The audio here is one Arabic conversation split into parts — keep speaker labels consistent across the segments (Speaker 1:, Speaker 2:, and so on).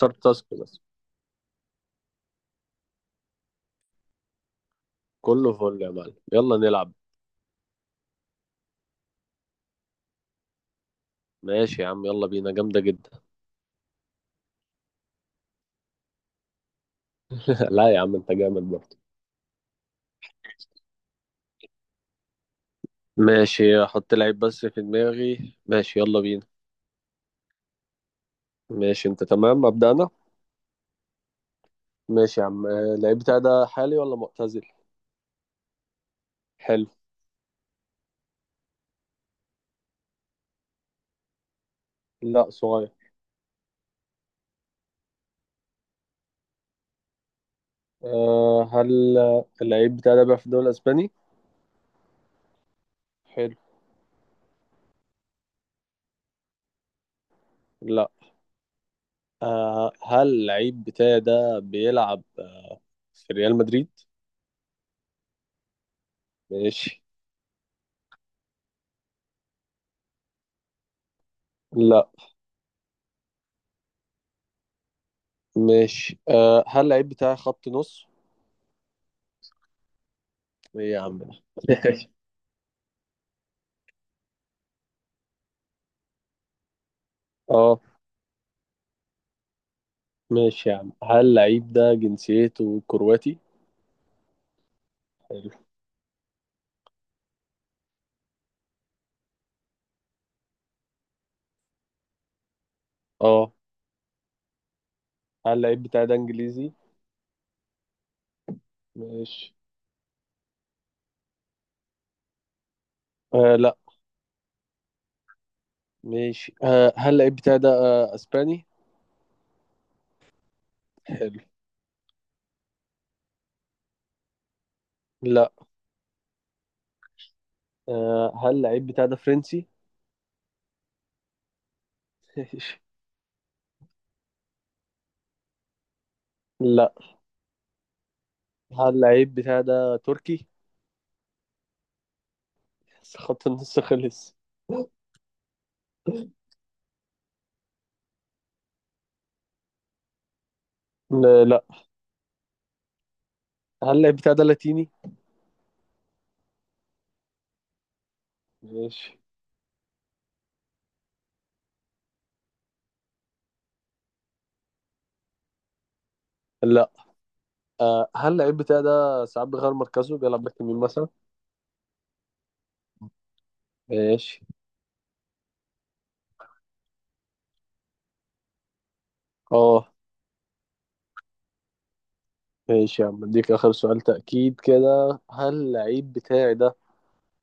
Speaker 1: صار تاسك بس. كله فل يا معلم، يلا نلعب. ماشي يا عم، يلا بينا، جامدة جدا. لا يا عم، انت جامد برضه. ماشي، احط لعيب بس في دماغي، ماشي يلا بينا. ماشي، انت تمام، ابدأ انا. ماشي يا عم، اللعيب بتاعي ده حالي ولا معتزل؟ حلو. لا، صغير. هل اللعيب بتاعي ده بيلعب في الدوري الاسباني؟ حلو. لا. هل اللعيب بتاعي ده بيلعب في ريال مدريد؟ ماشي. لا. ماشي. هل اللعيب بتاعي خط نص؟ ايه يا عم ده؟ اه. ماشي يا عم، هل اللعيب ده جنسيته كرواتي؟ حلو. اه، هل اللعيب بتاعي ده انجليزي؟ ماشي. لا. ماشي. هل اللعيب بتاعي ده اسباني؟ حلو. لا. هل اللعيب بتاعي ده فرنسي؟ ماشي. لا. هل اللعيب بتاعي ده تركي؟ خط النص خلص. لا، لا. هل اللعيب بتاعي ده لاتيني؟ ماشي. لا. هل اللعيب بتاعي ده ساعات بيغير مركزه، بيلعب باك يمين مثلا؟ ماشي. اه. ماشي يا عم، اديك اخر سؤال تأكيد كده، هل اللعيب بتاعي ده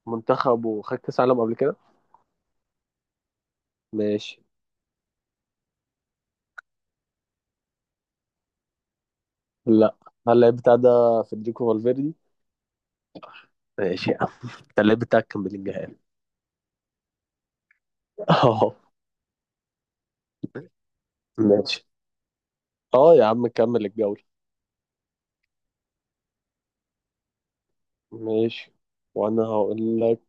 Speaker 1: منتخبه خد كاس عالم قبل كده؟ ماشي. لا. هل اللعيب بتاعي ده فederico فالفيردي؟ ماشي يا عم. انت اللعيب بتاعك كان بلينجهام. اه. ماشي. اه يا عم، كمل الجولة. ماشي، وانا هقول لك.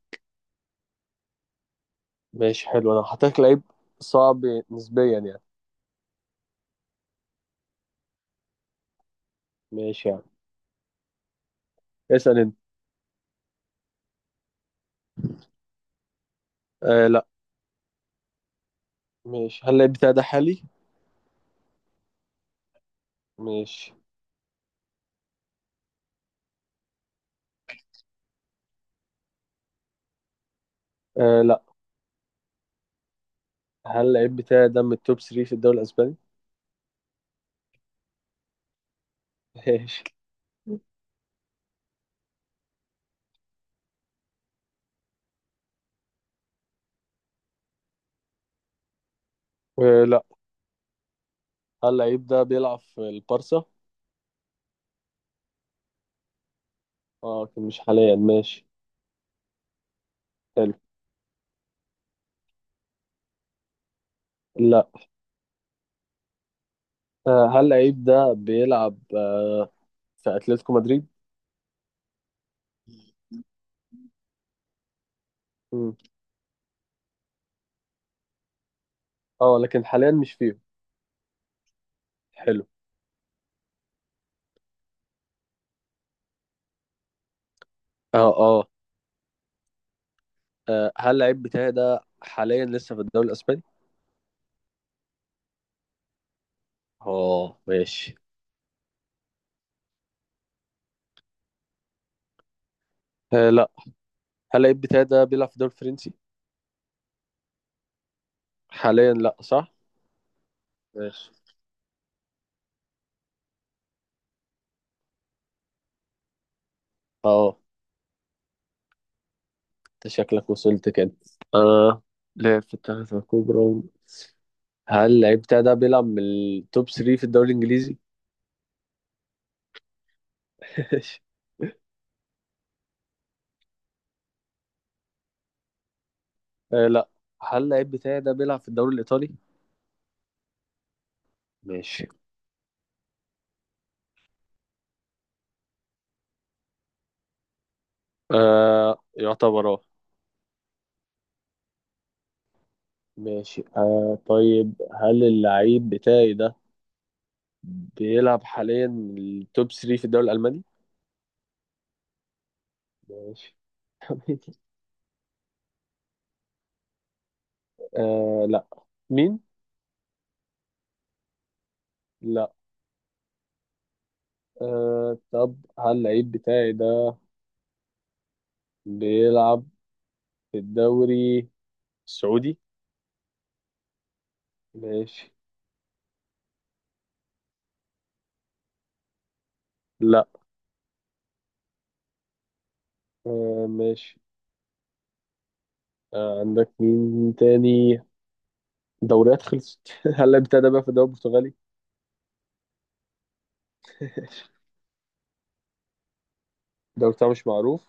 Speaker 1: ماشي، حلو، انا هحط لك لعيب صعب نسبيا يعني. ماشي يا عم، اسأل انت. لا. ماشي، هل اللعيب بتاعي ده حالي؟ ماشي. لا. هل اللعيب بتاعي ده من التوب 3 في الدوري الاسباني؟ ماشي. لا. هل لعيب ده بيلعب في البارسا؟ اه، لكن مش حاليا، ماشي. حلو. لا. هل لعيب ده بيلعب في اتلتيكو مدريد؟ مم. اه، لكن حاليا مش فيه. حلو. اه، اه. هل اللعيب بتاعي ده حاليا لسه في الدوري الاسباني؟ اه، ماشي. لا. هل اللعيب بتاعي ده بيلعب في الدوري الفرنسي؟ حاليا لا، صح؟ ماشي. اه. انت شكلك وصلت كده. آه لعب في الثلاثة الكبرى. هل اللعيب بتاعي ده بيلعب من التوب 3 في الدوري الانجليزي؟ لا. هل اللعيب بتاعي ده بيلعب في الدوري الإيطالي؟ ماشي. يعتبر، اه. ماشي. طيب، هل اللعيب بتاعي ده بيلعب حاليا التوب 3 في الدوري الألماني؟ ماشي. لا. مين؟ لا. طب، هل اللعيب بتاعي ده بيلعب في الدوري السعودي؟ ماشي. لا. ماشي. عندك مين تاني؟ دوريات خلصت. هل اللعيب بتاعي ده بيلعب في الدوري البرتغالي؟ ده بتاع مش معروف.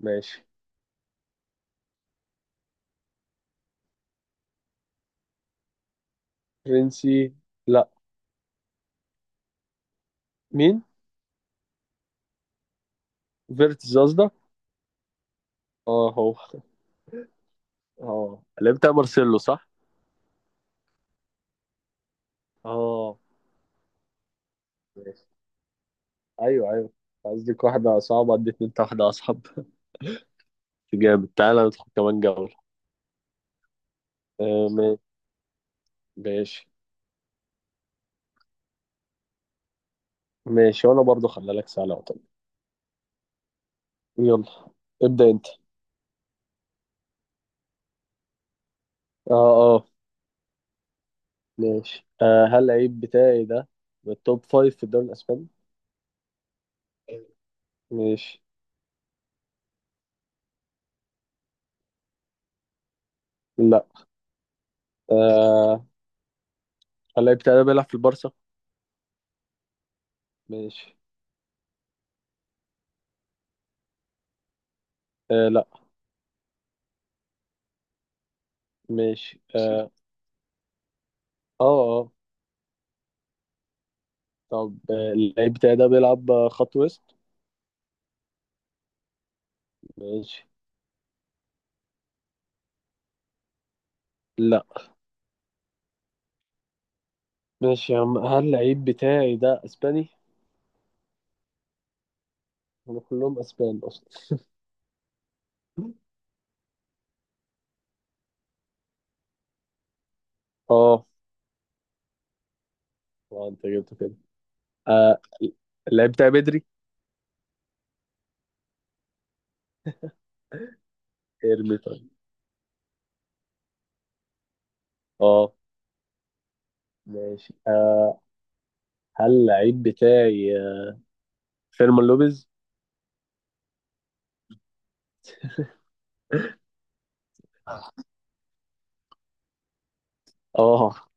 Speaker 1: ماشي. فرنسي. لا. مين؟ فيرتز قصدك؟ اه، هو. اه، اللي بتاع مارسيلو، صح. اه، ماشي. ايوه، ايوه. قصدك واحدة صعبة، اديت انت واحدة اصعب. جامد، تعالى ندخل كمان جولة. آه ما- ماشي. ماشي، وانا برضو خلي لك سهلة وطب. يلا، ابدأ انت. اه، اه. ماشي. هل العيب بتاعي ده من التوب 5 في الدوري الاسباني؟ ماشي. لا. آه هل العيب بتاعي ده بيلعب في البارسا؟ ماشي. لا. ماشي. اه، اه، آه. طب، اللعيب بتاعي ده بيلعب خط وسط؟ ماشي. لا. ماشي يا عم، هل اللعيب بتاعي ده اسباني؟ هم كلهم اسبان اصلا. اه. اه، انت جبته كده. آه اللعيب بتاعي بدري. ارمي طيب. اه. ماشي. هل اللعيب بتاعي فيرمان لوبيز؟ اه.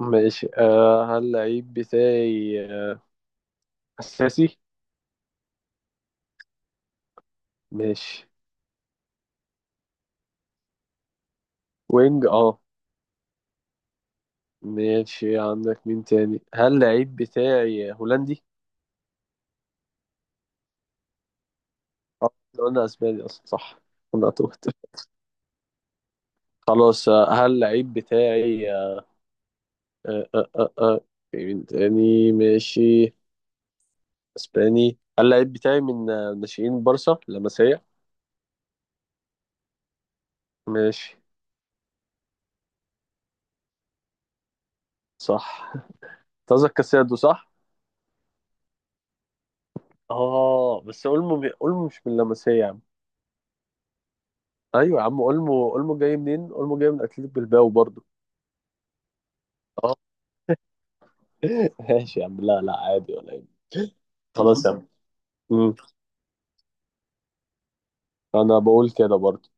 Speaker 1: ماشي. هل اللعيب بتاعي اساسي؟ ماشي. وينج، اه. ماشي. عندك مين تاني؟ هل اللعيب بتاعي هولندي؟ اه، إحنا قلنا اسباني اصلا، صح. انا تهت. خلاص. هل اللعيب بتاعي آه، آه، آه، في مين تاني؟ ماشي. اسباني. هل اللعيب بتاعي من ناشئين بارسا لمسية؟ ماشي. صح. قصدك كاسادو، صح؟ اه، بس اولمو. اولمو مش من لمسية يا عم. ايوه يا عم، اولمو، اولمو جاي منين؟ اولمو جاي من اتلتيك بالباو برضو. اه. ماشي يا عم. لا، لا، عادي ولا ايه؟ خلاص يا عم. انا بقول كده برضه.